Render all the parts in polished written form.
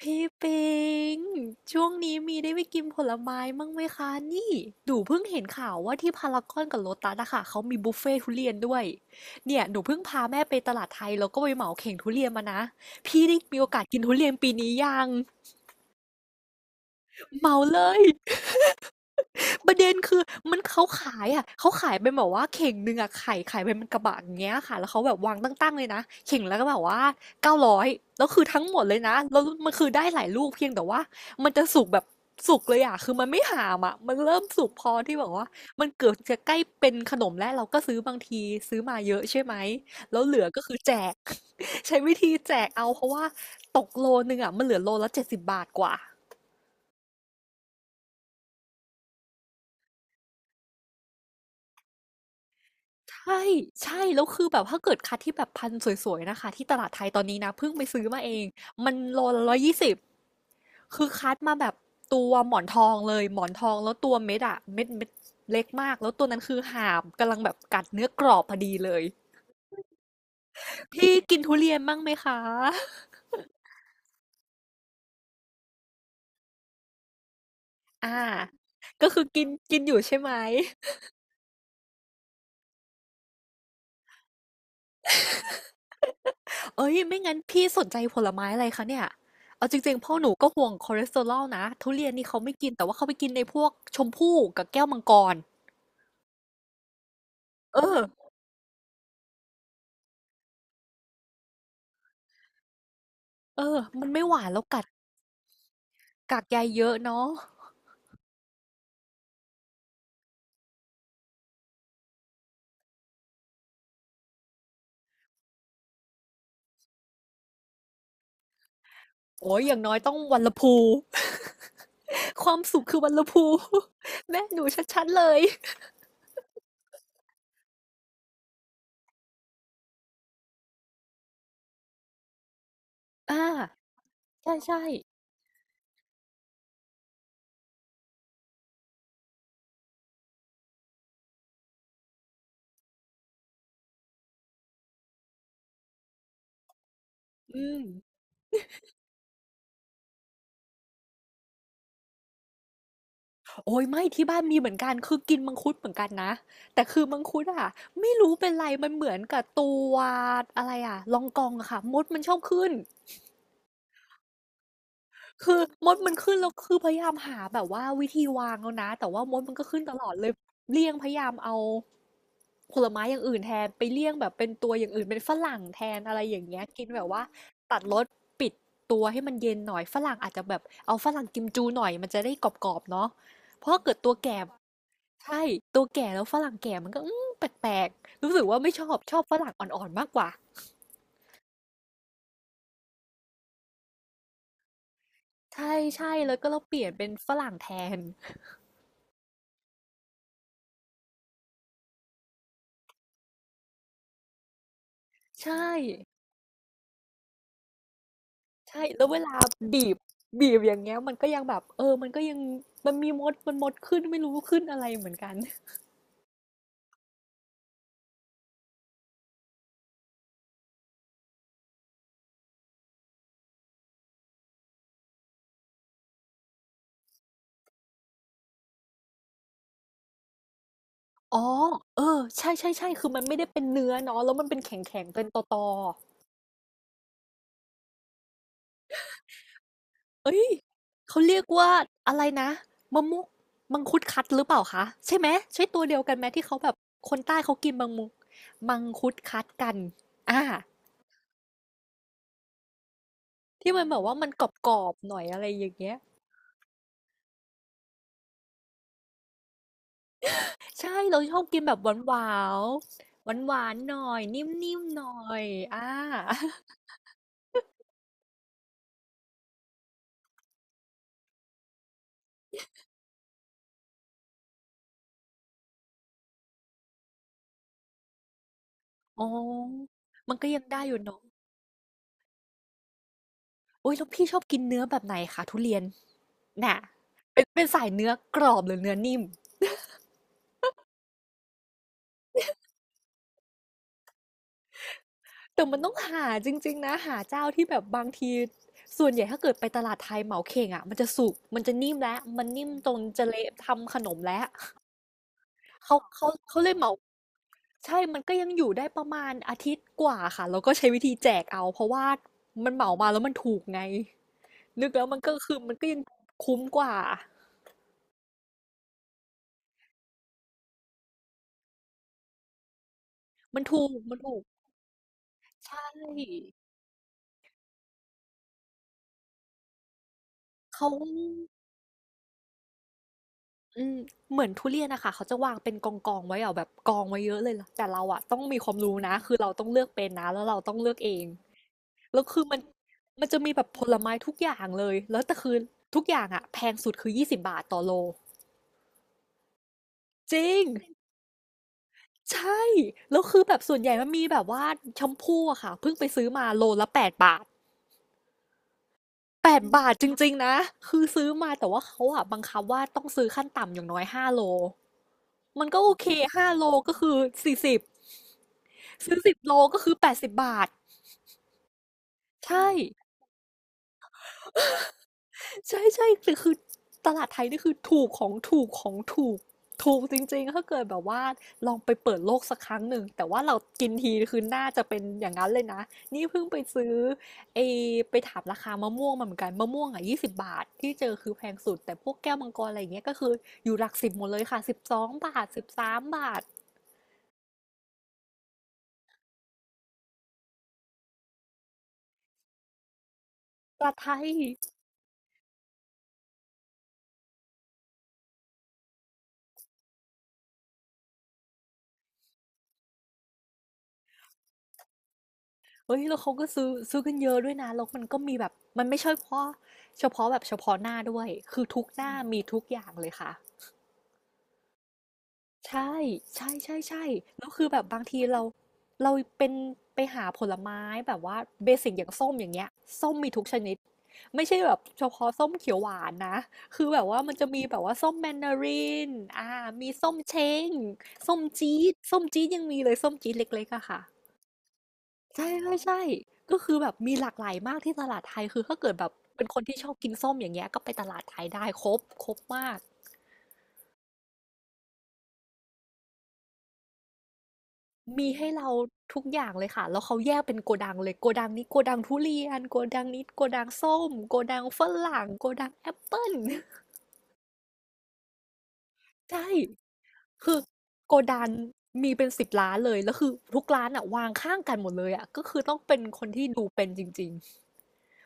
พี่ปิงช่วงนี้มีได้ไปกินผลไม้มั่งไหมคะนี่หนูเพิ่งเห็นข่าวว่าที่พารากอนกับโลตัสอะค่ะเขามีบุฟเฟ่ทุเรียนด้วยเนี่ยหนูเพิ่งพาแม่ไปตลาดไทยแล้วก็ไปเหมาเข่งทุเรียนมานะพี่ได้มีโอกาสกินทุเรียนปีนี้ยังเหมาเลย ประเด็นคือมันเขาขายอะเขาขายเป็นแบบว่าเข่งหนึ่งอะไข่ไข่เป็นกระบะอย่างเงี้ยค่ะแล้วเขาแบบวางตั้งๆเลยนะเข่งแล้วก็แบบว่า900แล้วคือทั้งหมดเลยนะแล้วมันคือได้หลายลูกเพียงแต่ว่ามันจะสุกแบบสุกเลยอะคือมันไม่หามอะมันเริ่มสุกพอที่แบบว่ามันเกือบจะใกล้เป็นขนมแล้วเราก็ซื้อบางทีซื้อมาเยอะใช่ไหมแล้วเหลือก็คือแจก ใช้วิธีแจกเอาเพราะว่าตกโลนึงอะมันเหลือโลละ70บาทกว่า ใช่ใช่ แล้วคือแบบถ้าเกิดคัดที่แบบพันธุ์สวยๆนะคะที่ตลาดไทยตอนนี้นะเพิ่งไปซื้อมาเอง มันโลละ120คือคัดมาแบบตัวหมอนทองเลยหมอนทองแล้วตัวเม็ดอะเม็ดเม็ดเล็กมากแล้วตัวนั้นคือหามกำลังแบบกัดเนื้อกรอบพอดีเลย พี่กินทุเรียนบ้างไหมคะ อ่าก็คือกินกินอยู่ใช่ไหม เอ้ยไม่งั้นพี่สนใจผลไม้อะไรคะเนี่ยเอาจริงๆพ่อหนูก็ห่วงคอเลสเตอรอลนะทุเรียนนี่เขาไม่กินแต่ว่าเขาไปกินในพวกชมพู่กับแก้วมังกรเออเออมันไม่หวานแล้วกัดกากใยเยอะเนาะโอ้ยอย่างน้อยต้องวันละพู ความสุขคือวันละพู แม่หนูชัดๆเลยอ่าใช่ใช่อืม โอ้ยไม่ที่บ้านมีเหมือนกันคือกินมังคุดเหมือนกันนะแต่คือมังคุดอะไม่รู้เป็นไรมันเหมือนกับตัวอะไรอะลองกองอะค่ะมดมันชอบขึ้นคือมดมันขึ้นแล้วคือพยายามหาแบบว่าวิธีวางแล้วนะแต่ว่ามดมันก็ขึ้นตลอดเลยเลี่ยงพยายามเอาผลไม้อย่างอื่นแทนไปเลี่ยงแบบเป็นตัวอย่างอื่นเป็นฝรั่งแทนอะไรอย่างเงี้ยกินแบบว่าตัดรสปิดตัวให้มันเย็นหน่อยฝรั่งอาจจะแบบเอาฝรั่งกิมจูหน่อยมันจะได้กรอบๆเนาะเพราะเกิดตัวแก่ ใช่ตัวแก่แล้วฝรั่งแก่มันก็แปลกๆรู้สึกว่าไม่ชอบชอบฝรั่งอ่อนๆมากกว่าใช่ใช่แล้วก็เราเปลี่ยนเป็นฝรั่งแทนใช่ใช่แล้วเวลาบีบบีบอย่างเงี้ยมันก็ยังแบบเออมันก็ยังมันมีมดมันมดขึ้นไม่รู้ขึ้นอะไรเหมือนกันอ๋อเออใช่ใช่ใช่คือมันไม่ได้เป็นเนื้อเนาะแล้วมันเป็นแข็งๆเป็นตอๆ เอ้ยเขาเรียกว่าอะไรนะมะมุมังคุดคัดหรือเปล่าคะใช่ไหมใช่ตัวเดียวกันไหมที่เขาแบบคนใต้เขากินมังมุมังคุดคัดกันอ่าที่มันแบบว่ามันกรอบๆหน่อยอะไรอย่างเงี้ยใช่เราชอบกินแบบหวานๆหวานๆหน่อยนิ่มๆหน่อยอ่า อ๋อมันก็ยังได้อยู่เนาะโอ้ยแล้วพี่ชอบกินเนื้อแบบไหนคะทุเรียนน่ะเป็นเป็นสายเนื้อกรอบหรือเนื้อนิ่ม แต่มันต้องหาจริงๆนะหาเจ้าที่แบบบางทีส่วนใหญ่ถ้าเกิดไปตลาดไทยเหมาเข่งอ่ะมันจะสุกมันจะนิ่มแล้วมันนิ่มจนจะเละทำขนมแล้วเขาเลยเหมาใช่มันก็ยังอยู่ได้ประมาณอาทิตย์กว่าค่ะแล้วก็ใช้วิธีแจกเอาเพราะว่ามันเหมามาแล้วมันถูกไงนึกแล้วมันก็คือมันก็ยังคุ้มกว่ามันถูกมันถูกใช่เขา อืมเหมือนทุเรียนนะค่ะเขาจะวางเป็นกองๆไว้อะแบบกองไว้เยอะเลยล่ะแต่เราอะต้องมีความรู้นะคือเราต้องเลือกเป็นนะแล้วเราต้องเลือกเองแล้วคือมันจะมีแบบผลไม้ทุกอย่างเลยแล้วแต่คือทุกอย่างอะแพงสุดคือ20บบาทต่อโลจริงใช่แล้วคือแบบส่วนใหญ่มันมีแบบว่าแชมพูอะค่ะเพิ่งไปซื้อมาโลละ8บาท8บาทจริงๆนะคือซื้อมาแต่ว่าเขาอะบังคับว่าต้องซื้อขั้นต่ำอย่างน้อยห้าโลมันก็โอเคห้าโลก็คือ40 ซื้อสิบโลก็คือแปดสิบบาทใช่ใช่ใช่คือตลาดไทยนี่คือถูกของถูกของถูกถูกจริงๆถ้าเกิดแบบว่าลองไปเปิดโลกสักครั้งหนึ่งแต่ว่าเรากินทีคือน่าจะเป็นอย่างนั้นเลยนะนี่เพิ่งไปซื้อไอไปถามราคามะม่วงมาเหมือนกันมะม่วงอ่ะยี่สิบบาทที่เจอคือแพงสุดแต่พวกแก้วมังกรอะไรอย่างเงี้ยก็คืออยู่หลักสิบหมดเลยค่ะสิบสองบาทสิบสามบาทตลาดไทย เฮ้ยแล้วเขาก็ซื้อกันเยอะด้วยนะแล้วมันก็มีแบบมันไม่ใช่เฉพาะหน้าด้วยคือทุกหน้ามีทุกอย่างเลยค่ะใช่ใช่ใช่ใช่แล้วคือแบบบางทีเราเราเป็นไปหาผลไม้แบบว่าเบสิกอย่างส้มอย่างเงี้ยส้มมีทุกชนิดไม่ใช่แบบเฉพาะส้มเขียวหวานนะคือแบบว่ามันจะมีแบบว่าส้มแมนดารินอ่ามีส้มเช้งส้มจี๊ดยังมีเลยส้มจี๊ดเล็กๆอะค่ะ ใช่ๆ่ใช่ก็คือแบบมีหลากหลายมากที่ตลาดไทยคือถ้าเกิดแบบเป็นคนที่ชอบกินส้มอย่างเงี้ยก็ไปตลาดไทยได้ครบมากมีให้เราทุกอย่างเลยค่ะแล้วเขาแยกเป็นโกดังเลยโกดังนี้โกดังทุเรียนโกดังนี้โกดังส้มโกดังฝรั่งโกดังแอปเปิ้ล ใช่คือโกดังมีเป็นสิบร้านเลยแล้วคือทุกร้านอะวางข้างกันหมดเลยอะก็คือต้องเป็นคนที่ดูเป็นจริง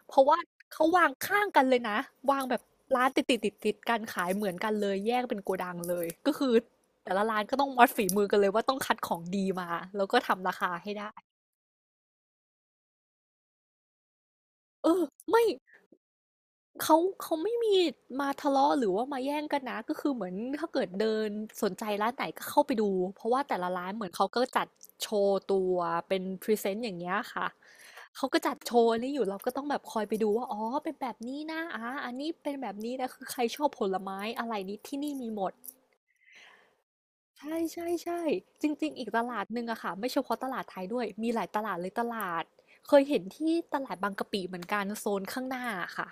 เพราะว่าเขาวางข้างกันเลยนะวางแบบร้านติดกันขายเหมือนกันเลยแยกเป็นโกดังเลยก็คือแต่ละร้านก็ต้องวัดฝีมือกันเลยว่าต้องคัดของดีมาแล้วก็ทำราคาให้ได้เออไม่ เขาเขาไม่มีมาทะเลาะหรือว่ามาแย่งกันนะก็คือเหมือนถ้าเกิดเดินสนใจร้านไหนก็เข้าไปดูเพราะว่าแต่ละร้านเหมือนเขาก็จัดโชว์ตัวเป็นพรีเซนต์อย่างเงี้ยค่ะเขาก็จัดโชว์อันนี้อยู่เราก็ต้องแบบคอยไปดูว่าอ๋อเป็นแบบนี้นะอันนี้เป็นแบบนี้นะคือใครชอบผลไม้อะไรนี้ที่นี่มีหมดใช่ใช่ใช่จริงๆอีกตลาดหนึ่งอะค่ะไม่เฉพาะตลาดไทยด้วยมีหลายตลาดเลยตลาดเคยเห็นที่ตลาดบางกะปิเหมือนกันโซนข้างหน้าค่ะ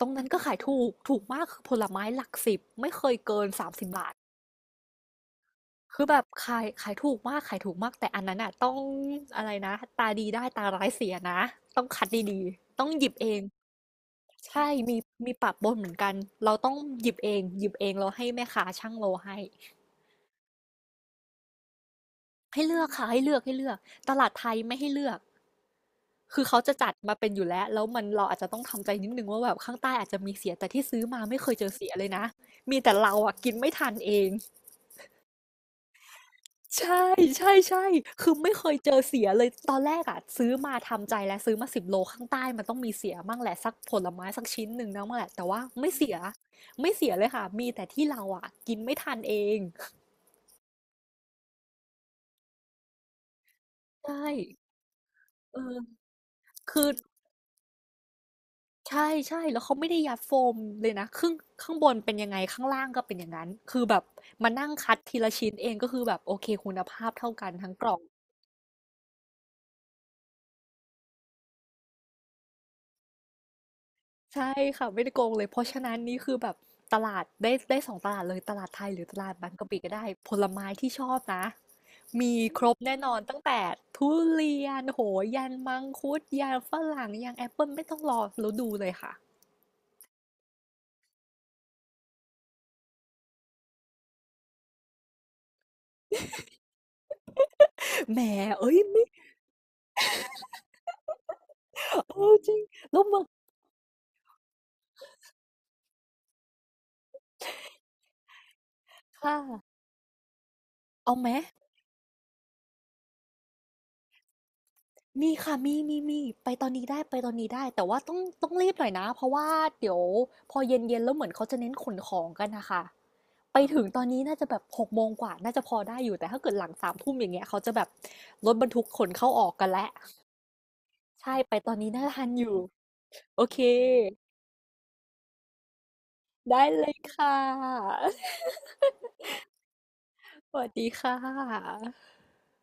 ตรงนั้นก็ขายถูกมากคือผลไม้หลักสิบไม่เคยเกิน30บบาทคือแบบขายถูกมากขายถูกมากแต่อันนั้นอ่ะต้องอะไรนะตาดีได้ตาร้ายเสียนะต้องคัดดีๆต้องหยิบเองใช่มีมีปะปนเหมือนกันเราต้องหยิบเองเราให้แม่ค้าช่างโลให้ให้เลือกค่ะให้เลือกให้เลือกตลาดไทยไม่ให้เลือกคือเขาจะจัดมาเป็นอยู่แล้วแล้วมันเราอาจจะต้องทำใจนิดนึงว่าแบบข้างใต้อาจจะมีเสียแต่ที่ซื้อมาไม่เคยเจอเสียเลยนะมีแต่เราอ่ะกินไม่ทันเอง ใช่ใช่ๆคือไม่เคยเจอเสียเลยตอนแรกอะซื้อมาทำใจแล้วซื้อมา10โลข้างใต้มันต้องมีเสียมั่งแหละสักผลไม้สักชิ้นหนึ่งมั่งแหละแต่ว่าไม่เสียไม่เสียเลยค่ะมีแต่ที่เราอะกินไม่ทันเองใช่เออคือใช่ๆแล้วเขาไม่ได้ยัดโฟมเลยนะครึ่งข้างบนเป็นยังไงข้างล่างก็เป็นอย่างนั้นคือแบบมานั่งคัดทีละชิ้นเองก็คือแบบโอเคคุณภาพเท่ากันทั้งกล่อง ใช่ค่ะไม่ได้โกงเลยเพราะฉะนั้นนี่คือแบบตลาดได้สองตลาดเลยตลาดไทยหรือตลาดบางกะปิก็ได้ผลไม้ที่ชอบนะมีครบแน่นอนตั้งแต่ทุเรียนโหยันมังคุดยันฝรั่งยันแอปเปิลไม่ต้องรอแล้วดูเลยค่ะแหมเอ้ยไม่เออจริงแล้วบอกค่ะเอาไหมมีค่ะมีไปตอนนี้ได้ไปตอนนี้ได้แต่ว่าต้องรีบหน่อยนะเพราะว่าเดี๋ยวพอเย็นแล้วเหมือนเขาจะเน้นขนของกันนะคะ ไปถึงตอนนี้น่าจะแบบ6โมงกว่าน่าจะพอได้อยู่ แต่ถ้าเกิดหลัง3ทุ่มอย่างเงี้ยเขาจะแบบรถบรรทุกขนเข้าออกกันแล้วใช่ ไปตอนนี้น่าทันอยู่ โอเค ได้เลยค่ะ สวัสดีค่ะ